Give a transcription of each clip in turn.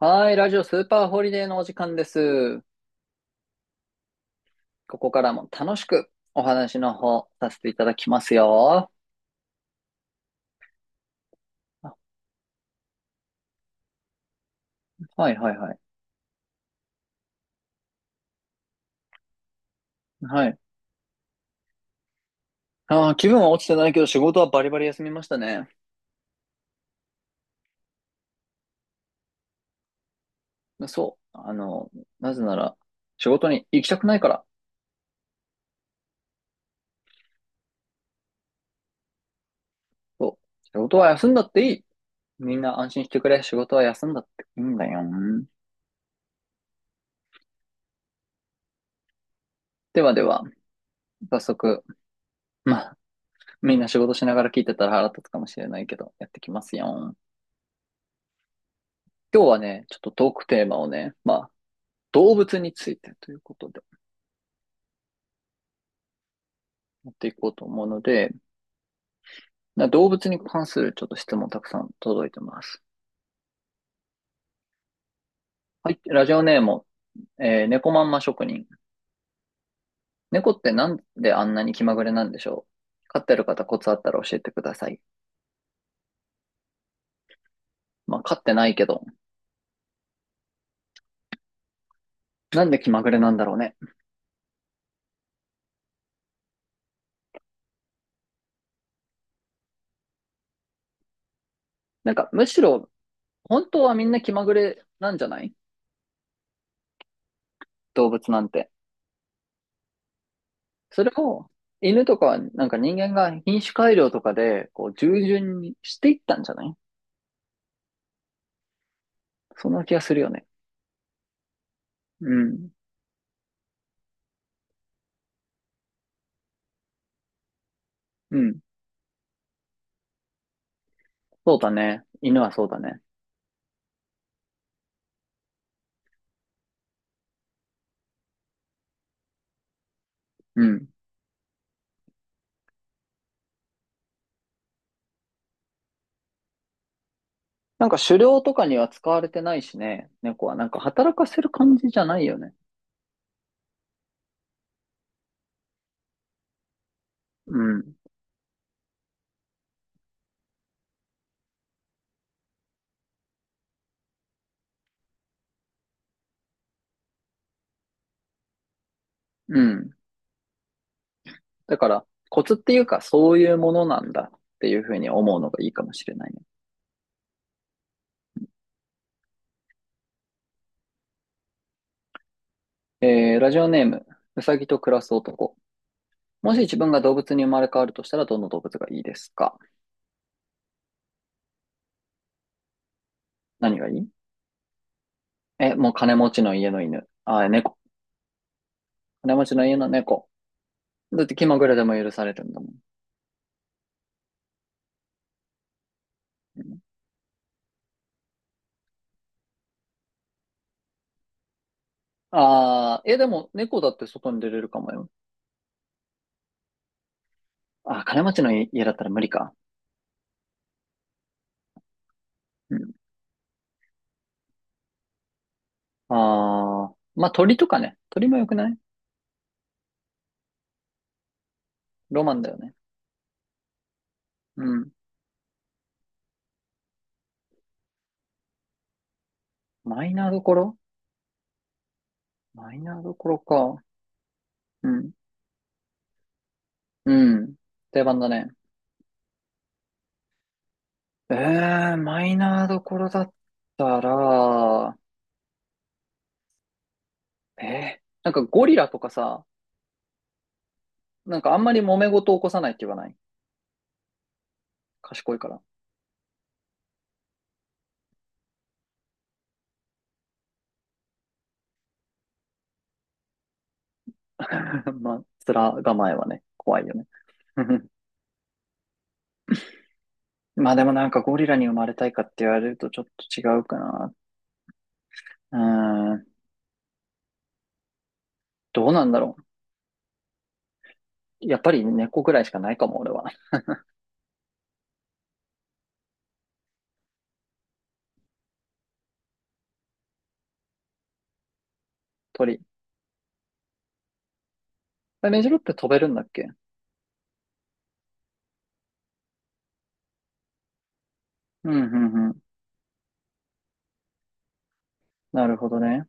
はい、ラジオスーパーホリデーのお時間です。ここからも楽しくお話の方させていただきますよ。あ、はいはいはい。はい。あー、気分は落ちてないけど仕事はバリバリ休みましたね。そう。なぜなら仕事に行きたくないから。そう。仕事は休んだっていい。みんな安心してくれ。仕事は休んだっていいんだよ。ではでは、早速、まあ、みんな仕事しながら聞いてたら腹立つかもしれないけど、やってきますよ。今日はね、ちょっとトークテーマをね、動物についてということでやっていこうと思うので、な動物に関するちょっと質問たくさん届いてます。はい、ラジオネーム、猫まんま職人。猫ってなんであんなに気まぐれなんでしょう、飼ってる方コツあったら教えてください。まあ、飼ってないけど、なんで気まぐれなんだろうね。むしろ、本当はみんな気まぐれなんじゃない、動物なんて。それを、犬とか、なんか人間が品種改良とかで、こう、従順にしていったんじゃない、そんな気がするよね。うん。うん。そうだね。犬はそうだね。うん。なんか狩猟とかには使われてないしね。猫はなんか働かせる感じじゃないよね。うん。うん。だから、コツっていうか、そういうものなんだっていうふうに思うのがいいかもしれないね。ラジオネーム、うさぎと暮らす男。もし自分が動物に生まれ変わるとしたら、どの動物がいいですか？何がいい？え、もう金持ちの家の犬。あ、猫。金持ちの家の猫。だって気まぐれでも許されるんだもん。ああ、え、でも、猫だって外に出れるかもよ。あー、金持ちの家だったら無理か。うん。ああ、まあ、鳥とかね。鳥もよくない？ロマンだよね。うん。マイナーどころ？マイナーどころか。うん。うん。定番だね。ええ、マイナーどころだったら、なんかゴリラとかさ、なんかあんまり揉め事起こさないって言わない？賢いから。まあ、面構えはね、怖いよね。まあでもなんかゴリラに生まれたいかって言われるとちょっと違うかな。うーん。どうなんだろう。やっぱり猫ぐらいしかないかも、俺は。鳥。メジロって飛べるんだっけ？うん、うん、うん。なるほどね。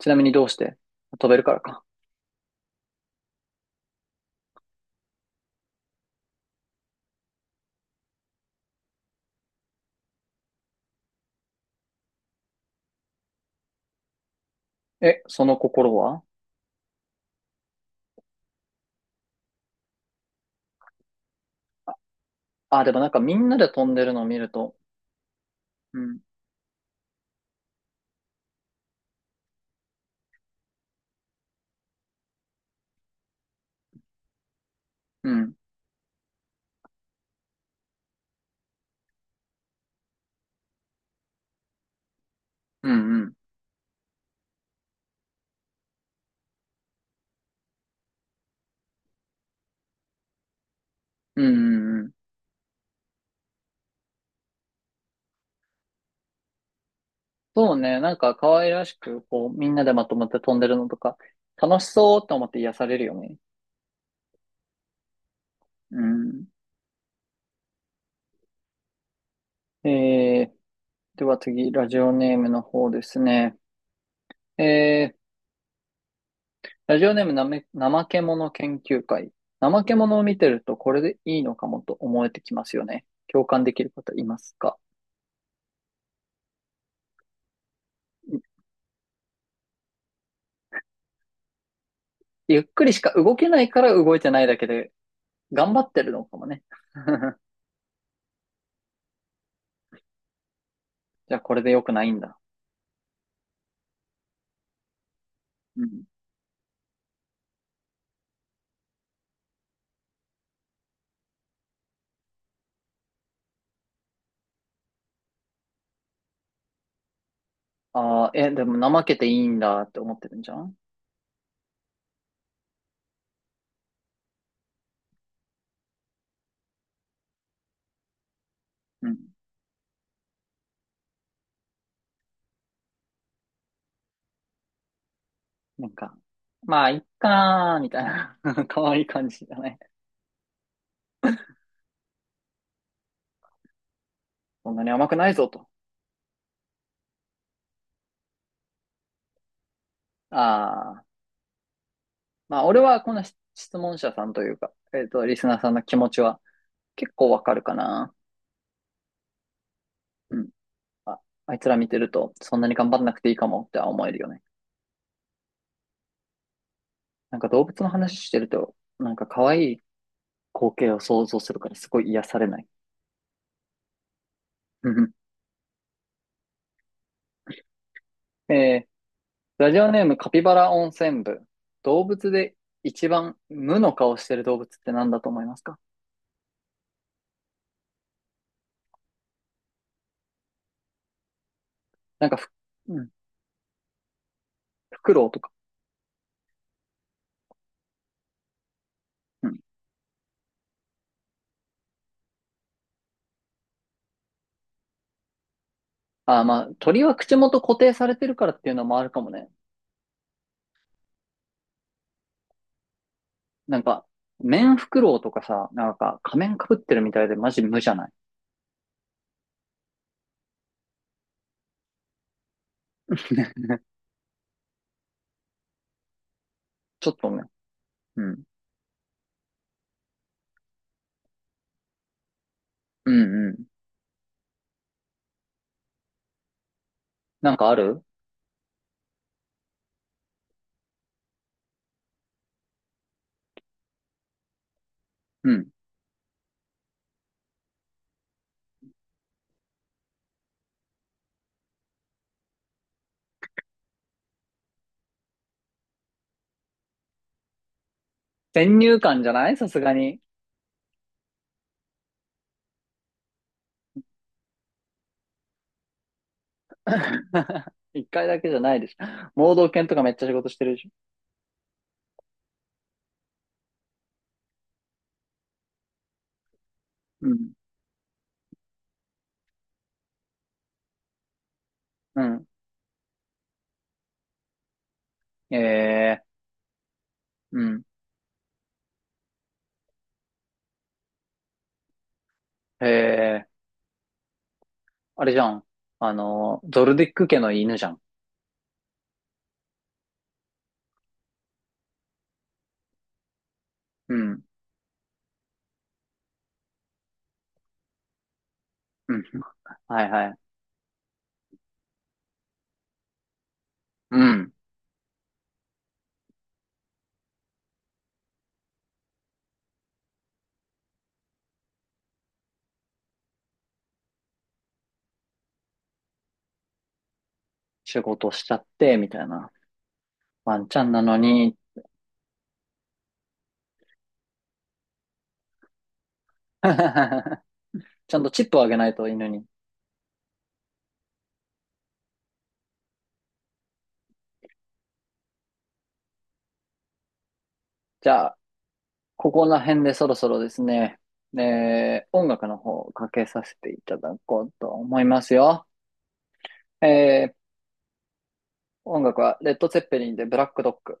ちなみにどうして？飛べるからか。え、その心は？あ、でもなんかみんなで飛んでるのを見ると、うん、うん、うん、うん、うん、うんうん。そうね。なんか可愛らしく、こう、みんなでまとまって飛んでるのとか、楽しそうって思って癒されるよね。うん。えーでは次、ラジオネームの方ですね。えー、ラジオネームなめ、怠け者研究会。怠け者を見てるとこれでいいのかもと思えてきますよね。共感できる方いますか？ゆっくりしか動けないから動いてないだけで、頑張ってるのかもね。じゃあこれで良くないんだ。うん。ああ、え、でも怠けていいんだって思ってるんじゃん？うん。なんか、まあ、いっかー、みたいな。可愛い感じだね。そんなに甘くないぞと。ああ。まあ、俺はこの質問者さんというか、リスナーさんの気持ちは結構わかるかな。うん。あ、あいつら見てると、そんなに頑張んなくていいかもっては思えるよね。なんか動物の話してると、なんか可愛い光景を想像するからすごい癒されない。うんうん。ラジオネームカピバラ温泉部。動物で一番無の顔してる動物って何だと思いますか？なんかふ、うん、フクロウとか。うん。あー、まあ、鳥は口元固定されてるからっていうのもあるかもね。なんか、面フクロウとかさ、なんか仮面かぶってるみたいでマジ無じゃない？ ちょっとね。うん。うんうん。なんかある？うん。先入観じゃないさすがに。一回だけじゃないでしょ。盲導犬とかめっちゃ仕事してるでしょ。うん。うん。ええ、うん。ええ、あれじゃん。あの、ゾルディック家の犬じゃん。うん。うん。はいはい。うん。仕事しちゃって、みたいな。ワンちゃんなのに。ちゃんとチップをあげないと犬に。じゃあ、ここら辺でそろそろですね、えー音楽の方をかけさせていただこうと思いますよ。えー音楽はレッド・ツェッペリンでブラック・ドッグ。